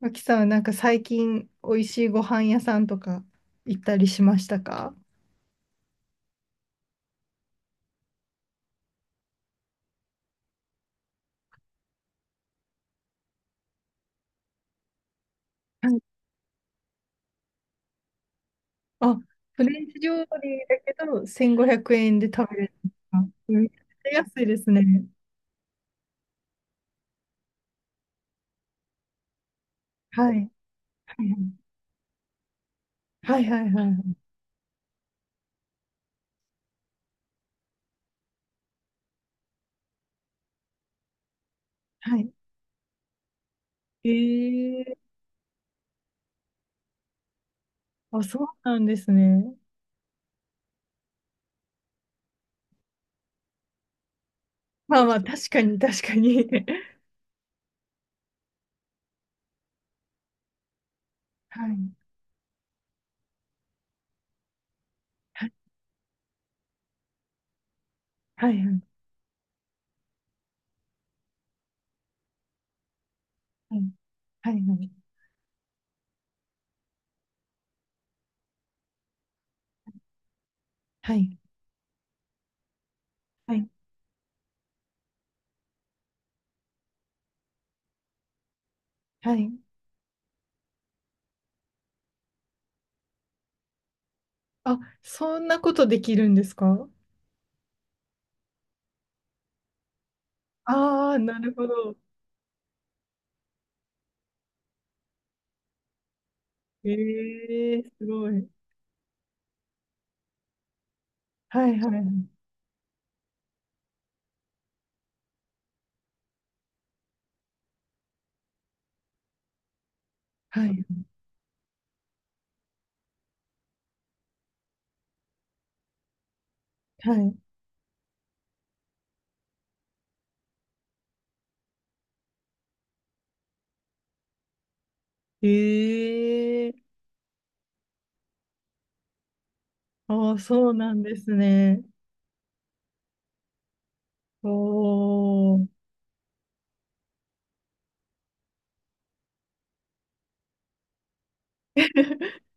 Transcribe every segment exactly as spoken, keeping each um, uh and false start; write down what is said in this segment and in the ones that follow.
脇さんはなんか最近美味しいご飯屋さんとか行ったりしましたか？はい。あ、フレンチ料理だけどせんごひゃくえんで食べれるんですか。めっちゃ安いですね。はい。はいはいはい。はい。ええー、あ、そうなんですね。まあまあ、確かに確かに。はい。はいはいはいはいはいはいはいはい。あ、そんなことできるんですか？ああー、なるほど。ええー、すごい。はいはいはい。はい。ええ。ああ、そうなんですね。おー。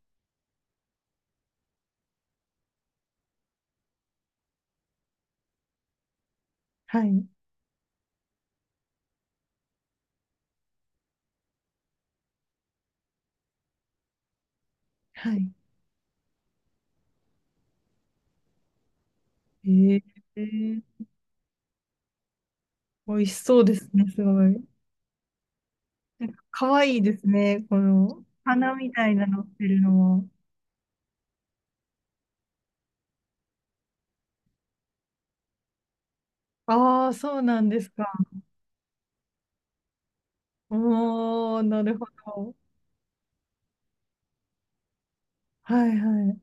はい。はい。ええ、美味しそうですね、すごい。なんか可愛いですね、この花みたいなのってるのも。ああ、そうなんですか。おー、なるほど。はいはい。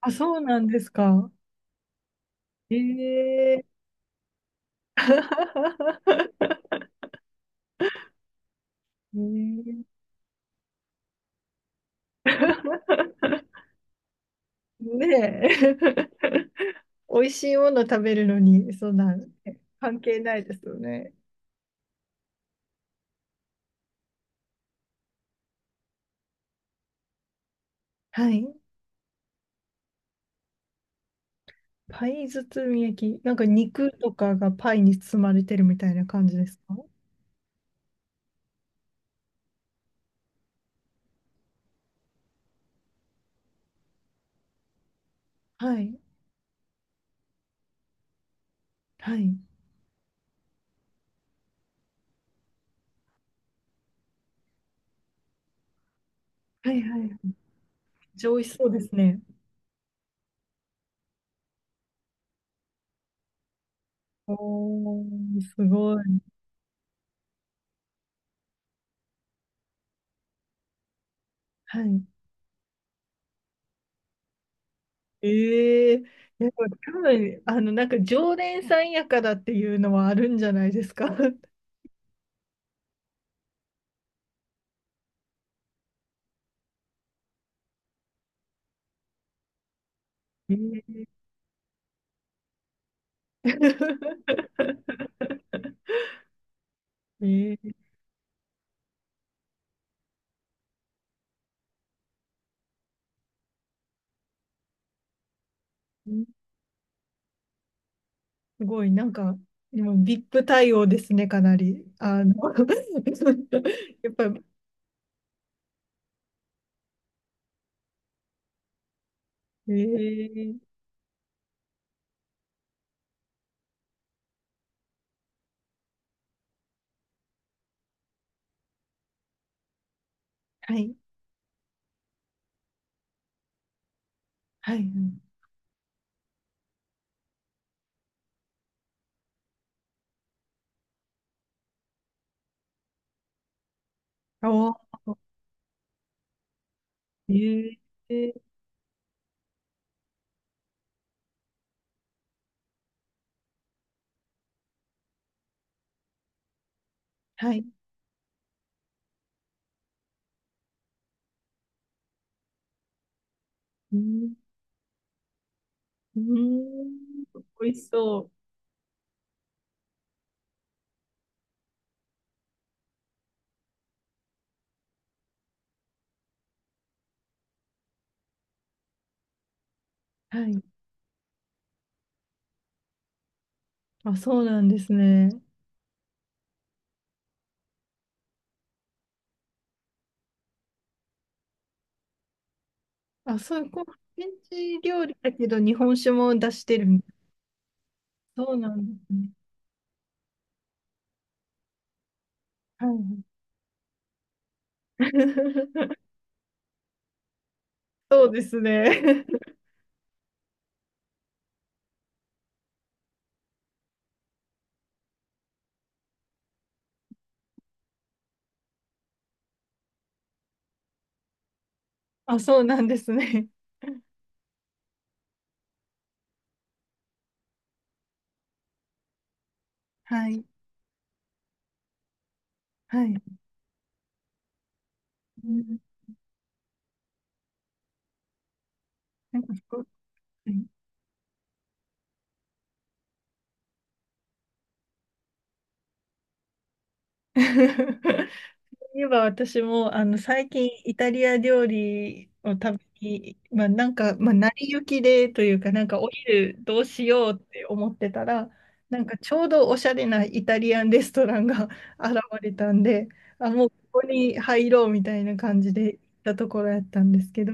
あ、そうなんですか。ええ。 ええ。ねえ。美味しいもの食べるのに、そんな関係ないですよね。はい。パイ包み焼き。なんか肉とかがパイに包まれてるみたいな感じですか？はい。はい。はいはい。めっちゃ美味しそうですね。おー、すごい。はい。ええー。や、で多分、あの、なんか常連さんやからっていうのはあるんじゃないですか。ええー。 えーすごい、なんか、でも ブイアイピー 対応ですね、かなり。あの、やっぱ、えー、はい、はい、はい。お、えー、えーはい、うん、うん、美味しそう。はい、あ、そうなんですね。あ、そう、こう、フレンチ料理だけど、日本酒も出してるみたい。そうなんですね。はい。そうですね。あ、そうなんですね。はい、はい。うん。なんか、すごい。 言えば私もあの最近イタリア料理を食べに、まあ、なんか、まあ、成り行きでというか、なんかお昼どうしようって思ってたら、なんかちょうどおしゃれなイタリアンレストランが 現れたんで、あ、もうここに入ろうみたいな感じで行ったところやったんですけど、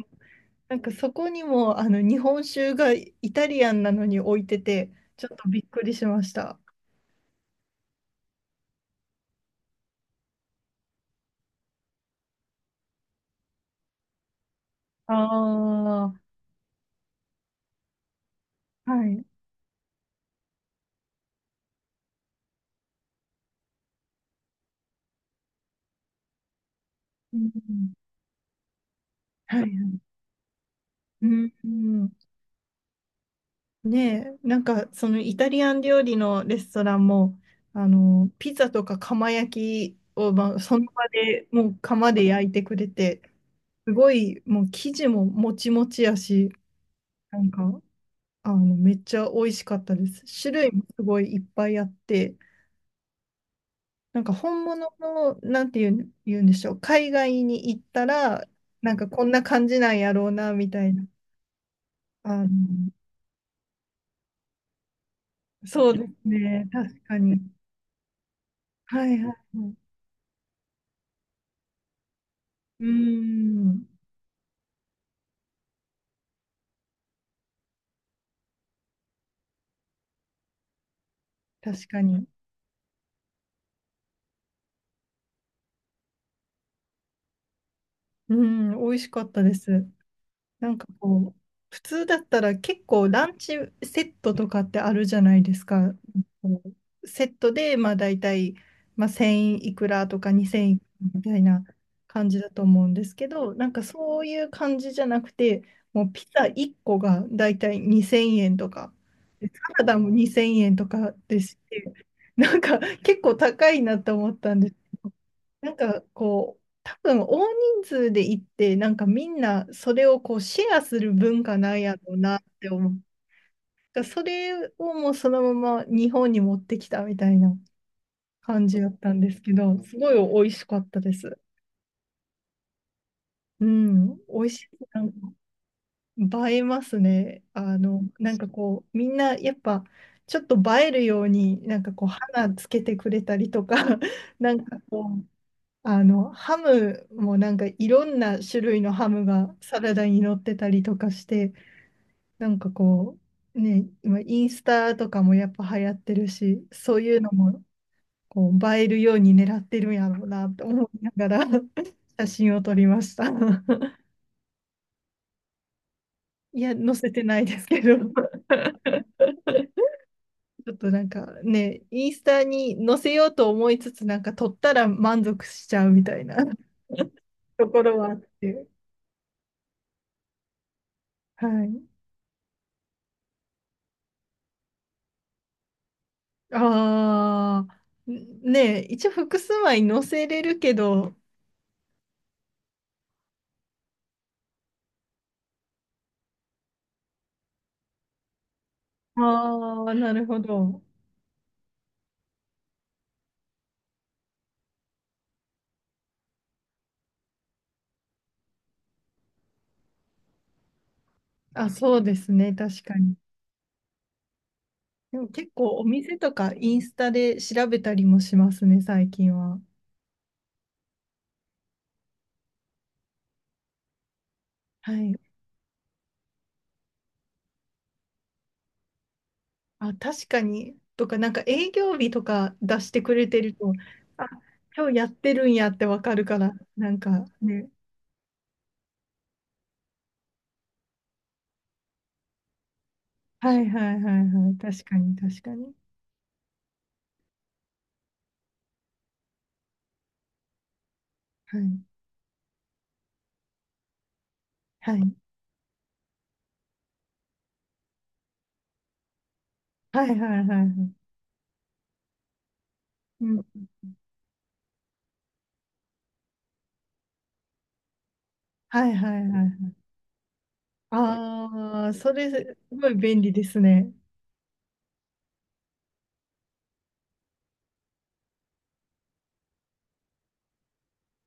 なんかそこにもあの日本酒がイタリアンなのに置いてて、ちょっとびっくりしました。ああ、はい。うんうん。はい。うん、うん。ねえ、なんかそのイタリアン料理のレストランも、あの、ピザとか釜焼きを、まあ、その場でもう釜で焼いてくれて、すごいもう生地ももちもちやし、なんか、あの、めっちゃ美味しかったです。種類もすごいいっぱいあって、なんか本物の、なんていうん、言うんでしょう、海外に行ったら、なんかこんな感じなんやろうな、みたいな。あの、そうですね、確かに。はいはいはい。うーん、確かに。うーん、美味しかったです。なんかこう、普通だったら結構ランチセットとかってあるじゃないですか。こうセットで、まあ大体、まあ、せんいくらとかにせんいくらみたいな感じだと思うんですけど、なんかそういう感じじゃなくて、もうピザいっこが大体にせんえんとか、でサラダもにせんえんとかですし、なんか結構高いなと思ったんです。なんかこう、多分大人数で行って、なんかみんなそれをこうシェアする文化なんやろうなって思う。だからそれをもうそのまま日本に持ってきたみたいな感じだったんですけど、すごい美味しかったです。うん、美味しい。なんか映えますね。あの、なんかこう、みんなやっぱちょっと映えるように、なんかこう、花つけてくれたりとか、なんかこう、あの、ハムもなんかいろんな種類のハムがサラダに乗ってたりとかして、なんかこう、ね、今インスタとかもやっぱ流行ってるし、そういうのもこう映えるように狙ってるんやろうなと思いながら 写真を撮りました。いや、載せてないですけど、ちょっとなんかね、インスタに載せようと思いつつ、なんか撮ったら満足しちゃうみたいな ところはあって、はい。ああ、ねえ、一応複数枚載せれるけど、ああ、なるほど。あ、そうですね、確かに。でも結構お店とかインスタで調べたりもしますね、最近は。はい。あ、確かに。とか、なんか営業日とか出してくれてると、あ、今日やってるんやってわかるから、なんかね。はいはいはいはい。確かに確かに。はい。はい。はいはいはいはい。うん。はいはいはいはい。ああ、それ、すごい便利ですね。